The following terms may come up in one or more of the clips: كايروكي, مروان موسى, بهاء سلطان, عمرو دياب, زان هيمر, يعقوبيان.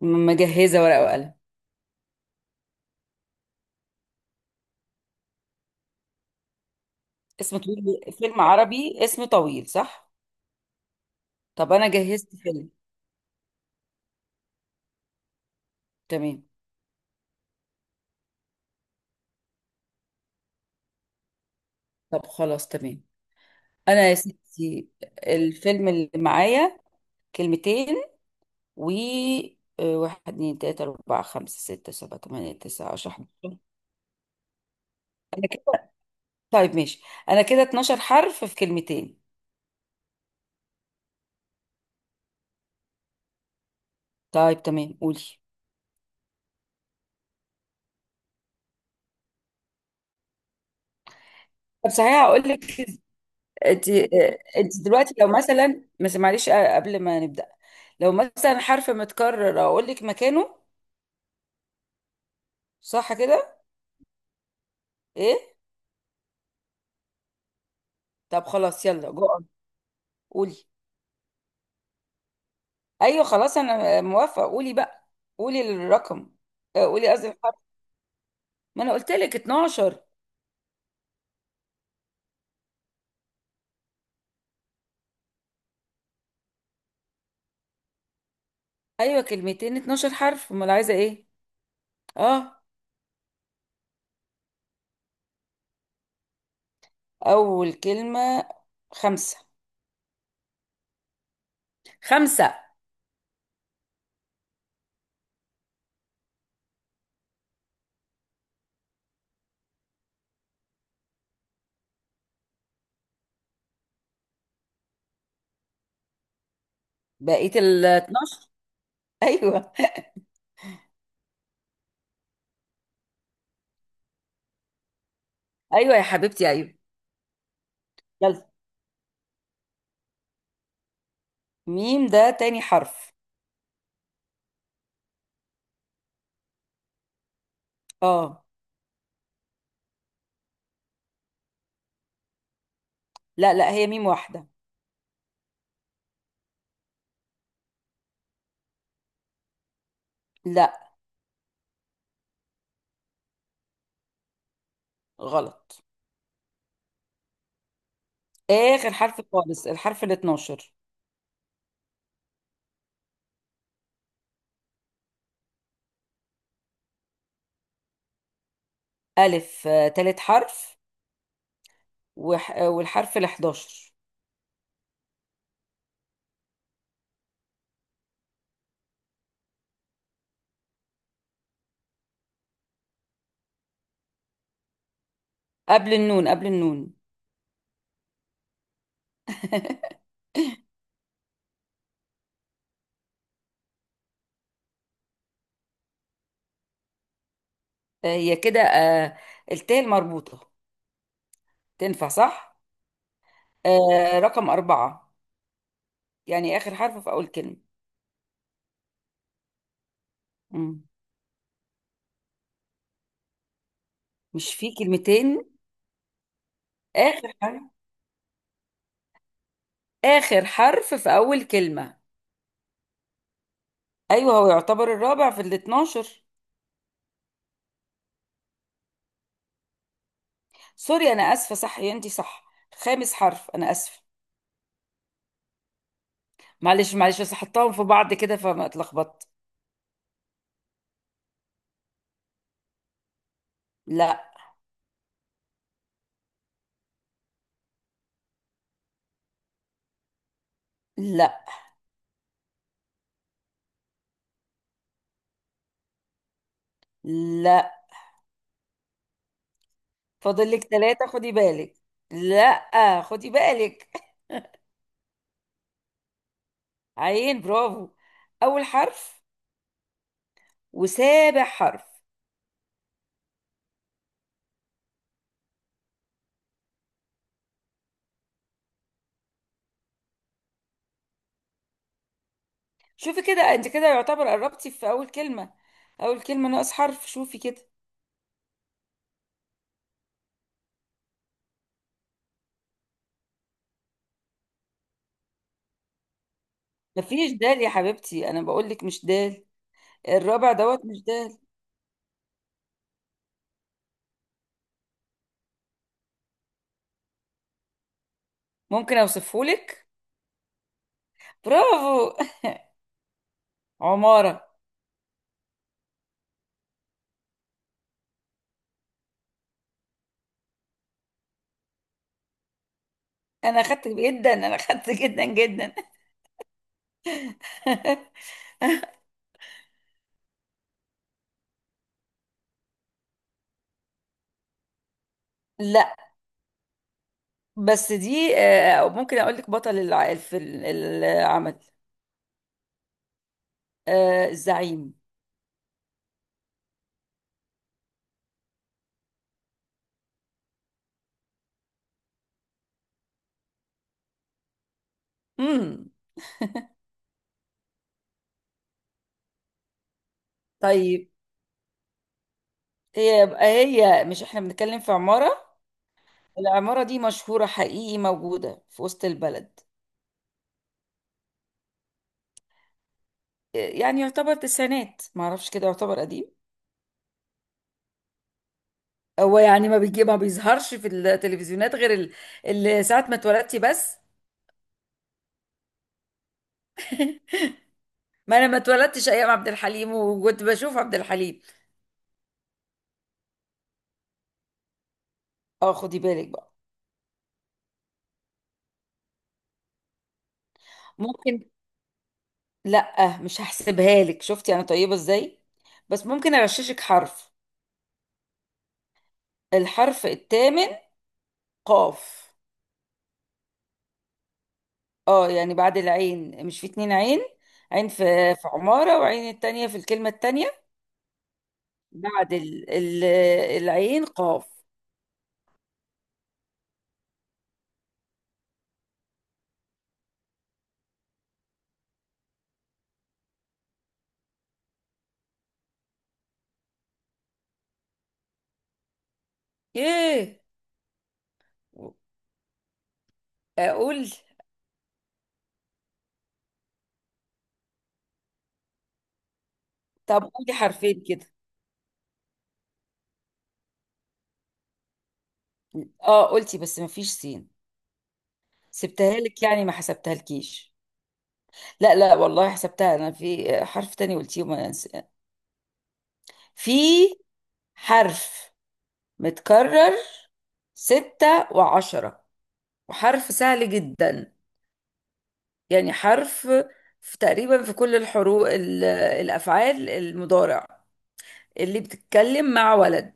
مجهزة ورقة وقلم. اسم طويل، فيلم عربي اسم طويل صح. طب أنا جهزت فيلم. تمام. طب خلاص تمام. أنا يا ستي الفيلم اللي معايا كلمتين و واحد اتنين تلاتة أربعة خمسة ستة سبعة تمانية تسعة عشرة 11. أنا كده. طيب ماشي، أنا كده 12 حرف في كلمتين. طيب تمام قولي. طب صحيح هقول لك. انت انت دلوقتي لو مثلا بس معلش، قبل ما نبدا لو مثلا حرف متكرر اقول لك مكانه، صح كده؟ ايه. طب خلاص يلا جو، قولي. ايوه خلاص انا موافقه، قولي بقى. قولي الرقم. اه، قولي قصدي الحرف. ما انا قلت لك 12. ايوه كلمتين 12 حرف، امال عايزه ايه؟ اه. اول كلمه خمسه. خمسه. بقيه ال 12. ايوه. ايوه يا حبيبتي ايوه. يلا. ميم ده تاني حرف. اه. لا هي ميم واحدة. لا. غلط. آخر حرف خالص، الحرف ال 12. ألف، تالت حرف. وح... آه، والحرف ال 11. قبل النون، قبل النون. هي كده، التاء المربوطة، تنفع صح؟ آه، رقم أربعة، يعني آخر حرف في أول كلمة. مم. مش في كلمتين. آخر حرف، آخر حرف في أول كلمة. أيوه، هو يعتبر الرابع في ال 12. سوري أنا آسفة، صح يا أنت صح. خامس حرف، أنا آسفة. معلش معلش، بس حطاهم في بعض كده فما اتلخبطت. لا. لا. لا. فاضل لك ثلاثة، خدي بالك. لا خدي بالك. عين، برافو. أول حرف وسابع حرف. شوفي كده، انت كده يعتبر قربتي في أول كلمة. أول كلمة ناقص حرف، شوفي كده. مفيش دال يا حبيبتي، أنا بقول لك مش دال. الرابع دوت مش دال. ممكن أوصفه لك. برافو. عمارة. أنا أخدت جدا، أنا أخدت جدا جدا. لا. بس دي ممكن اقول لك بطل العمل. آه، الزعيم. امم. طيب. هي يبقى هي، مش احنا بنتكلم في عمارة؟ العمارة دي مشهورة حقيقي، موجودة في وسط البلد. آه، يعني يعتبر تسعينات، معرفش كده يعتبر قديم. هو يعني ما بيجي، ما بيظهرش في التلفزيونات غير ساعة ما اتولدتي بس. ما انا ما اتولدتش ايام عبد الحليم وكنت بشوف عبد الحليم. اه خدي بالك بقى. ممكن. لا مش هحسبها لك، شفتي انا طيبة ازاي. بس ممكن اغششك حرف. الحرف الثامن، قاف. اه يعني بعد العين، مش في اتنين عين؟ عين في، في عمارة، وعين التانية في الكلمة التانية. بعد العين قاف. ايه. اقول. طب قولي حرفين كده. اه قلتي، بس مفيش سين. سبتها لك، يعني ما حسبتها لكيش. لا والله حسبتها. انا في حرف تاني قلتيه في حرف متكرر، ستة وعشرة، وحرف سهل جدا. يعني حرف في تقريبا في كل الحروف ال- آه، الأفعال المضارع اللي بتتكلم مع ولد.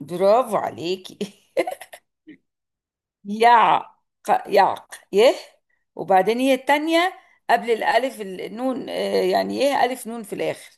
برافو عليكي. يعق يعق يه. وبعدين يه التانية، قبل الألف النون. آه، يعني يه ألف نون في الآخر.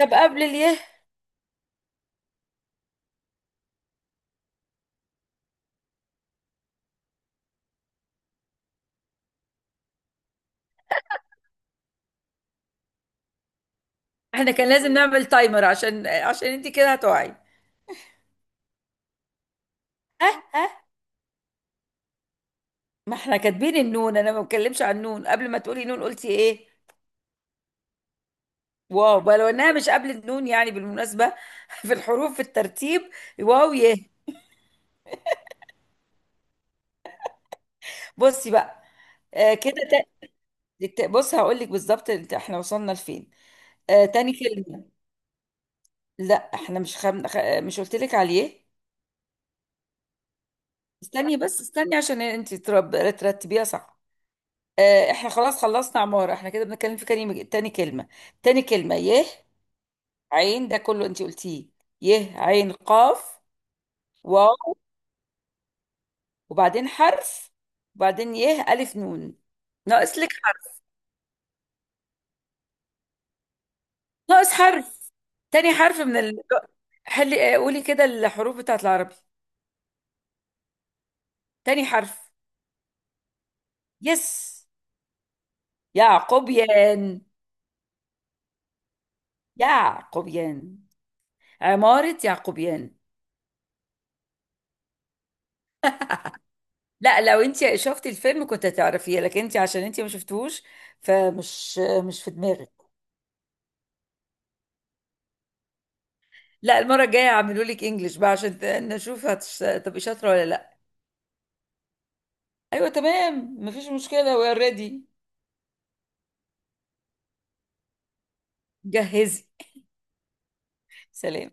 طب قبل اليه. احنا كان لازم نعمل تايمر، عشان انت كده هتقعي. ما احنا كاتبين النون، انا ما بتكلمش عن النون. قبل ما تقولي نون قلتي ايه؟ واو. بقى لو انها مش قبل النون، يعني بالمناسبة. في الحروف في الترتيب. واو يه. بصي بقى. آه كده. بص هقول لك بالظبط احنا وصلنا لفين. آه تاني كلمة. لا احنا مش مش قلت لك عليه. استني بس استني، عشان انت ترتبيها صح. آه، احنا خلاص خلصنا عمارة، احنا كده بنتكلم في كلمة، تاني كلمة. تاني كلمة يه، عين، ده كله انت قلتيه. يه عين قاف واو، وبعدين حرف، وبعدين يه ألف نون. ناقص لك حرف. ناقص حرف. تاني حرف من حلي قولي كده الحروف بتاعت العربي. تاني حرف. يس. يعقوبيان. يعقوبيان. عمارة يعقوبيان. لا لو انت شفتي الفيلم كنت هتعرفيه، لكن انت عشان انت ما شفتوهوش فمش مش في دماغك. لا المرة الجاية هعملوا لك انجلش بقى عشان هتبقي شاطرة ولا لا. ايوه تمام مفيش مشكلة، وي ار ريدي. جهزي. سلام.